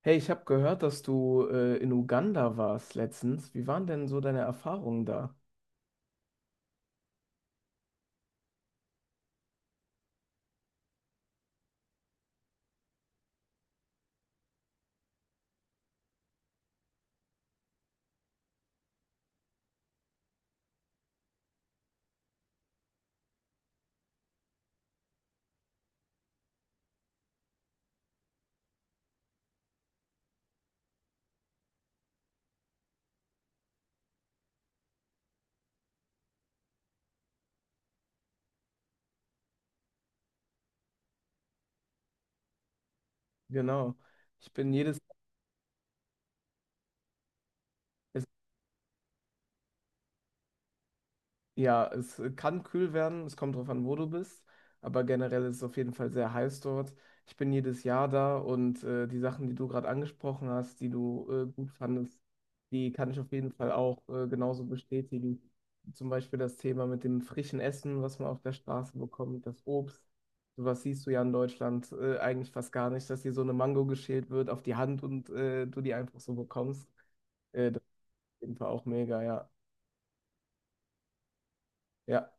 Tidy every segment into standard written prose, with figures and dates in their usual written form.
Hey, ich habe gehört, dass du in Uganda warst letztens. Wie waren denn so deine Erfahrungen da? Genau. Ich bin jedes, Ja, es kann kühl werden, es kommt drauf an, wo du bist, aber generell ist es auf jeden Fall sehr heiß dort. Ich bin jedes Jahr da und die Sachen, die du gerade angesprochen hast, die du gut fandest, die kann ich auf jeden Fall auch genauso bestätigen. Zum Beispiel das Thema mit dem frischen Essen, was man auf der Straße bekommt, das Obst. Sowas siehst du ja in Deutschland eigentlich fast gar nicht, dass dir so eine Mango geschält wird auf die Hand und du die einfach so bekommst. Das ist auf jeden Fall auch mega, ja. Ja.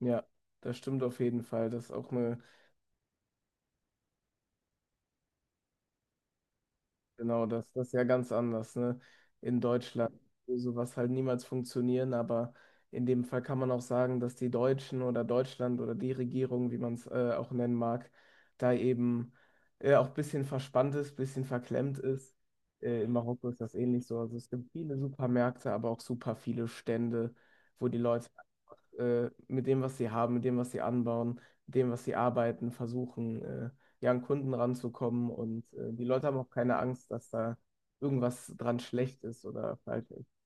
Ja, das stimmt auf jeden Fall. Das ist auch eine, genau, das ist ja ganz anders, ne? In Deutschland, wo sowas halt niemals funktionieren, aber in dem Fall kann man auch sagen, dass die Deutschen oder Deutschland oder die Regierung, wie man es auch nennen mag, da eben auch ein bisschen verspannt ist, ein bisschen verklemmt ist. In Marokko ist das ähnlich so. Also es gibt viele Supermärkte, aber auch super viele Stände, wo die Leute mit dem, was sie haben, mit dem, was sie anbauen, mit dem, was sie arbeiten, versuchen, ja, an Kunden ranzukommen. Und die Leute haben auch keine Angst, dass da irgendwas dran schlecht ist oder falsch ist.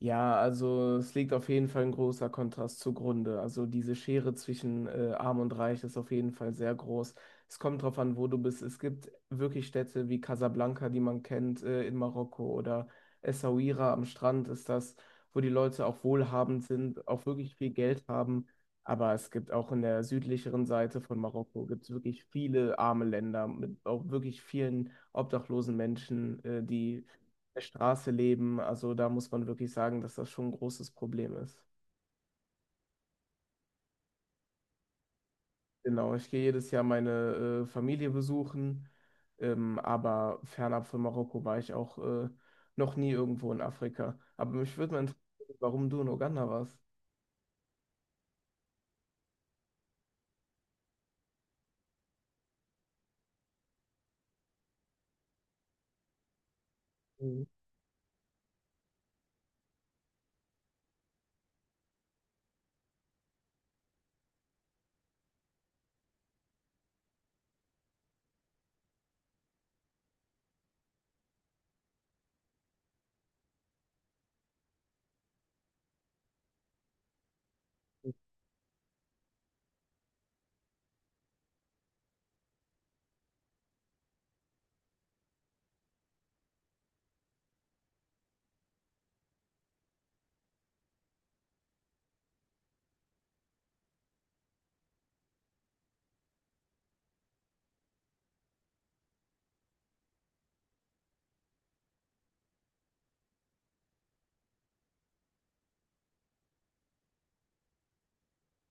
Ja, also es liegt auf jeden Fall ein großer Kontrast zugrunde. Also diese Schere zwischen Arm und Reich ist auf jeden Fall sehr groß. Es kommt drauf an, wo du bist. Es gibt wirklich Städte wie Casablanca, die man kennt, in Marokko oder Essaouira am Strand ist das, wo die Leute auch wohlhabend sind, auch wirklich viel Geld haben. Aber es gibt auch in der südlicheren Seite von Marokko gibt's wirklich viele arme Länder mit auch wirklich vielen obdachlosen Menschen, die der Straße leben. Also da muss man wirklich sagen, dass das schon ein großes Problem ist. Genau, ich gehe jedes Jahr meine Familie besuchen, aber fernab von Marokko war ich auch noch nie irgendwo in Afrika. Aber mich würde mal interessieren, warum du in Uganda warst. Mhm.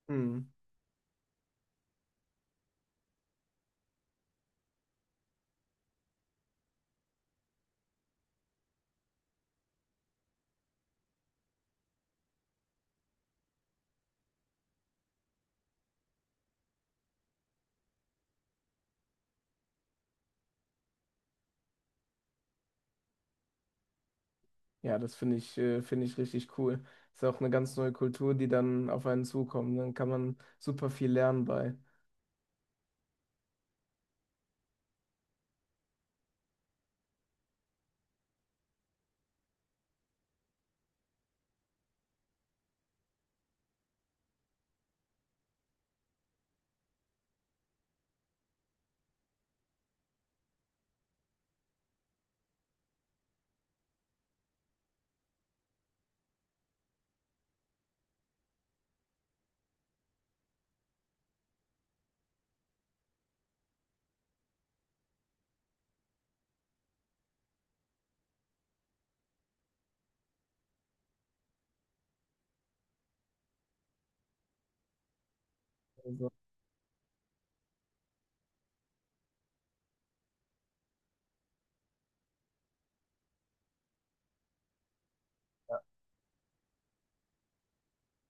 Mhm. Ja, das finde ich richtig cool. Ist ja auch eine ganz neue Kultur, die dann auf einen zukommt. Dann kann man super viel lernen bei. Also,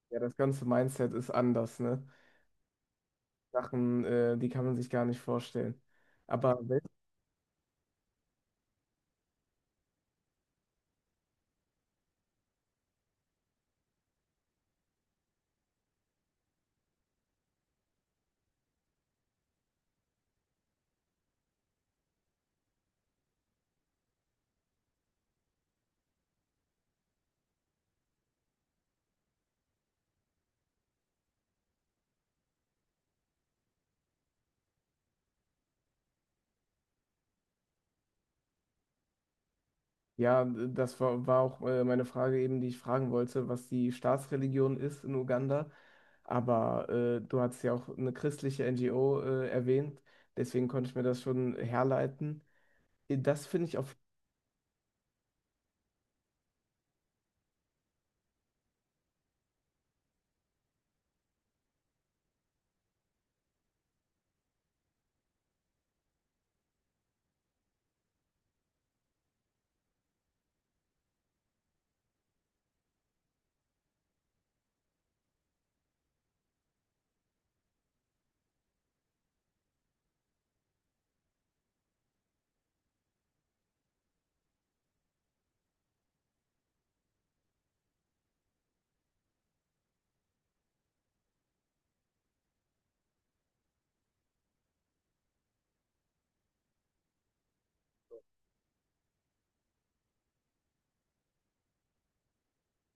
ja, das ganze Mindset ist anders, ne? Sachen, die kann man sich gar nicht vorstellen. Aber ja, das war auch meine Frage eben, die ich fragen wollte, was die Staatsreligion ist in Uganda. Aber du hast ja auch eine christliche NGO erwähnt, deswegen konnte ich mir das schon herleiten. Das finde ich auf,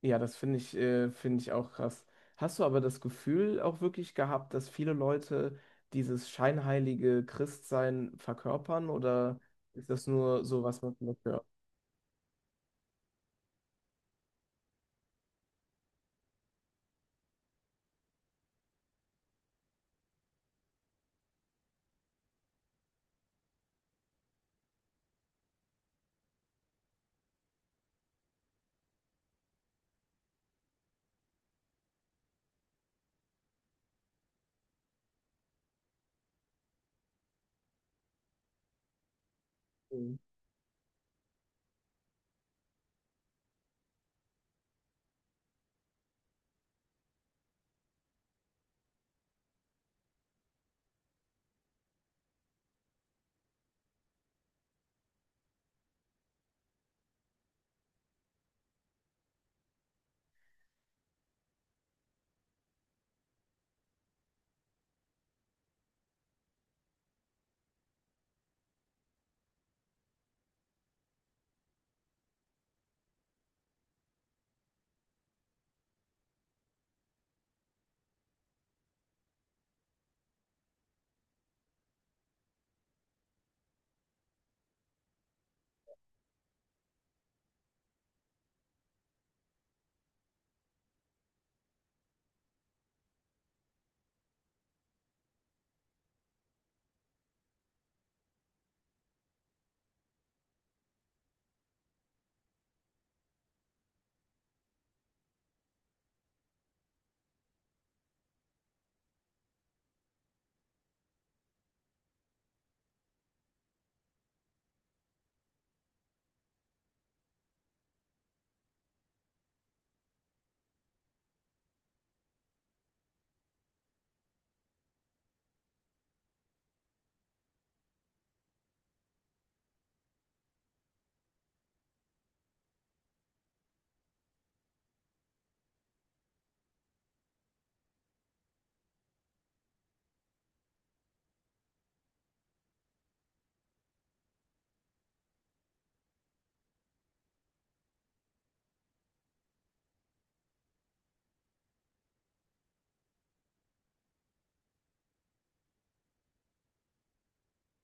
ja, das finde ich auch krass. Hast du aber das Gefühl auch wirklich gehabt, dass viele Leute dieses scheinheilige Christsein verkörpern oder ist das nur so, was man vielleicht hört?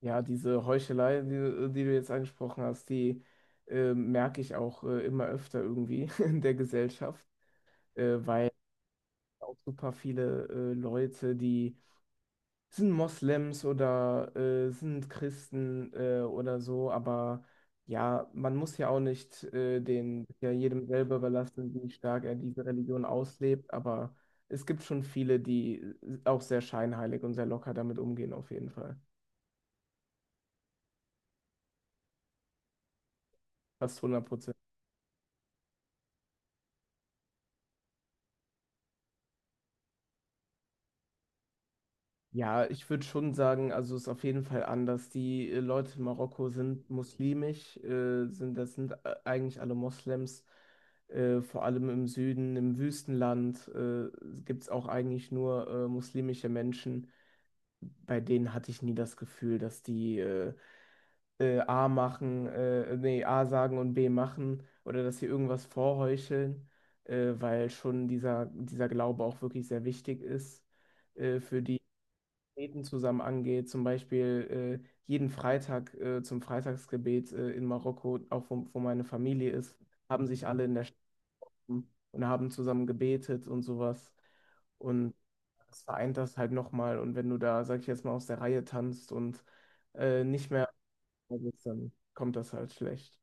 Ja, diese Heuchelei, die du jetzt angesprochen hast, die merke ich auch immer öfter irgendwie in der Gesellschaft, weil auch super viele Leute, die sind Moslems oder sind Christen oder so, aber ja, man muss ja auch nicht den ja jedem selber überlassen, wie stark er diese Religion auslebt, aber es gibt schon viele, die auch sehr scheinheilig und sehr locker damit umgehen, auf jeden Fall. Fast 100. Ja, ich würde schon sagen, also es ist auf jeden Fall anders. Die Leute in Marokko sind muslimisch, das sind eigentlich alle Moslems, vor allem im Süden, im Wüstenland, gibt es auch eigentlich nur muslimische Menschen. Bei denen hatte ich nie das Gefühl, dass die A machen, nee, A sagen und B machen oder dass sie irgendwas vorheucheln, weil schon dieser Glaube auch wirklich sehr wichtig ist für die. Gebeten zusammen angeht, zum Beispiel jeden Freitag zum Freitagsgebet in Marokko, auch wo meine Familie ist, haben sich alle in der Stadt und haben zusammen gebetet und sowas. Und das vereint das halt nochmal. Und wenn du da, sag ich jetzt mal, aus der Reihe tanzt und nicht mehr, dann kommt das halt schlecht.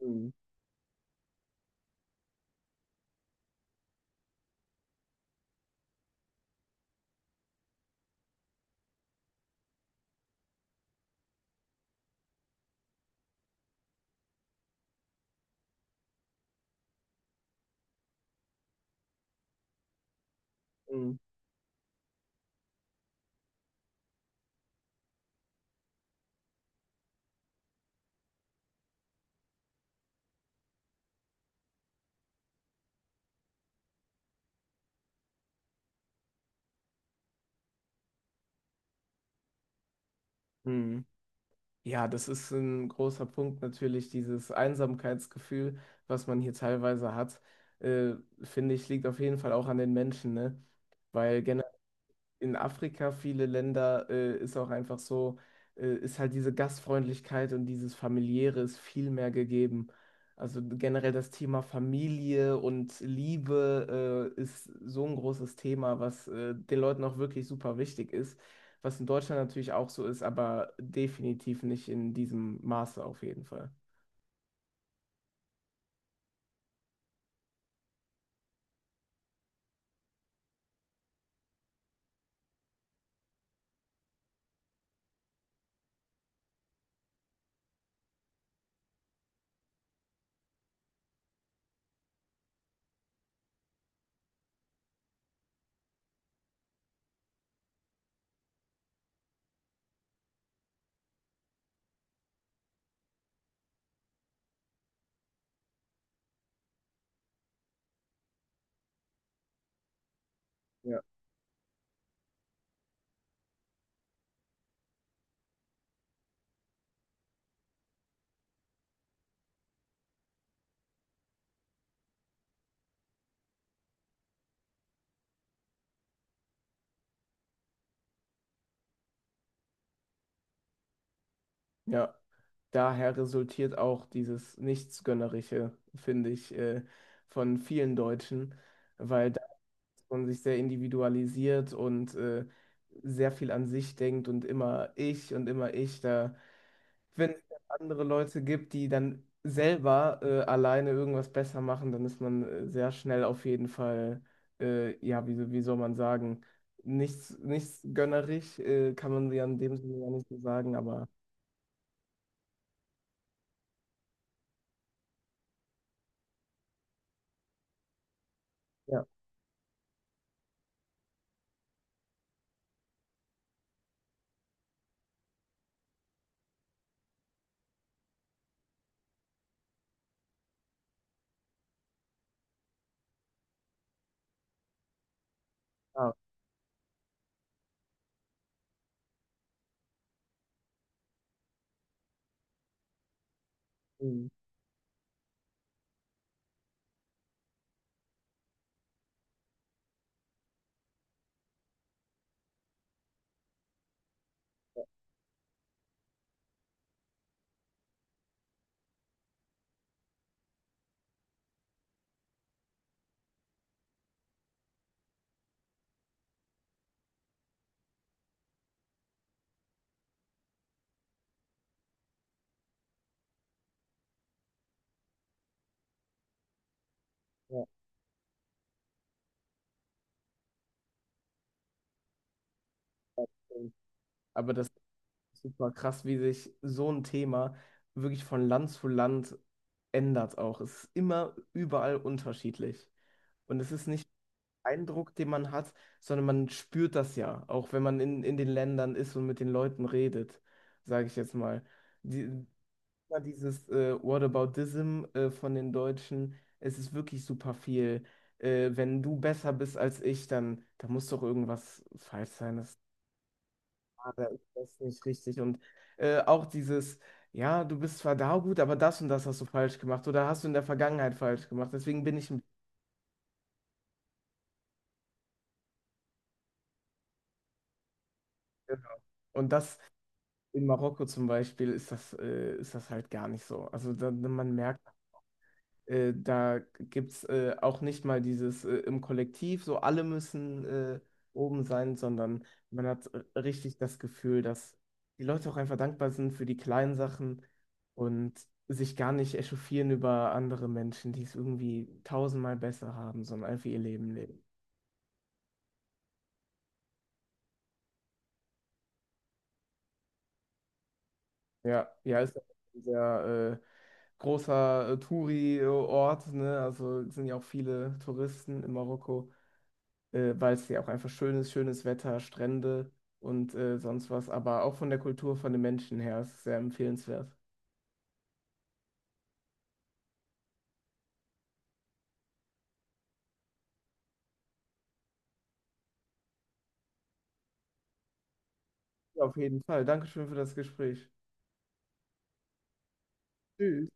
Mhm. Mhm. Mhm. Ja, das ist ein großer Punkt natürlich, dieses Einsamkeitsgefühl, was man hier teilweise hat, äh, finde ich, liegt auf jeden Fall auch an den Menschen, ne? Weil in Afrika viele Länder ist auch einfach so, ist halt diese Gastfreundlichkeit und dieses Familiäre ist viel mehr gegeben. Also generell das Thema Familie und Liebe ist so ein großes Thema, was den Leuten auch wirklich super wichtig ist, was in Deutschland natürlich auch so ist, aber definitiv nicht in diesem Maße auf jeden Fall. Ja. Ja, daher resultiert auch dieses Nichtsgönnerische, finde ich, von vielen Deutschen, weil und sich sehr individualisiert und sehr viel an sich denkt und immer ich und immer ich. Da, wenn es dann andere Leute gibt, die dann selber alleine irgendwas besser machen, dann ist man sehr schnell auf jeden Fall, ja, so, wie soll man sagen, nichts gönnerisch, kann man ja in dem Sinne ja nicht so sagen, aber ja, ah, hm, ja, ja, hm. Aber das. Super krass, wie sich so ein Thema wirklich von Land zu Land ändert auch. Es ist immer überall unterschiedlich. Und es ist nicht ein Eindruck, den man hat, sondern man spürt das ja, auch wenn man in den Ländern ist und mit den Leuten redet, sage ich jetzt mal. Die, immer dieses Whataboutism von den Deutschen, es ist wirklich super viel. Wenn du besser bist als ich, dann da muss doch irgendwas falsch sein, aber ich weiß nicht richtig. Und auch dieses, ja, du bist zwar da gut, aber das und das hast du falsch gemacht oder hast du in der Vergangenheit falsch gemacht. Deswegen bin ich ein bisschen. Und das in Marokko zum Beispiel ist das halt gar nicht so. Also da, man merkt, da gibt es auch nicht mal dieses im Kollektiv, so alle müssen oben sein, sondern man hat richtig das Gefühl, dass die Leute auch einfach dankbar sind für die kleinen Sachen und sich gar nicht echauffieren über andere Menschen, die es irgendwie tausendmal besser haben, sondern einfach ihr Leben leben. Ja, ja, ist ein sehr großer Touri-Ort, ne? Also es sind ja auch viele Touristen in Marokko. Weil es ja auch einfach schön ist, schönes Wetter, Strände und sonst was. Aber auch von der Kultur, von den Menschen her ist es sehr empfehlenswert. Ja, auf jeden Fall. Dankeschön für das Gespräch. Tschüss.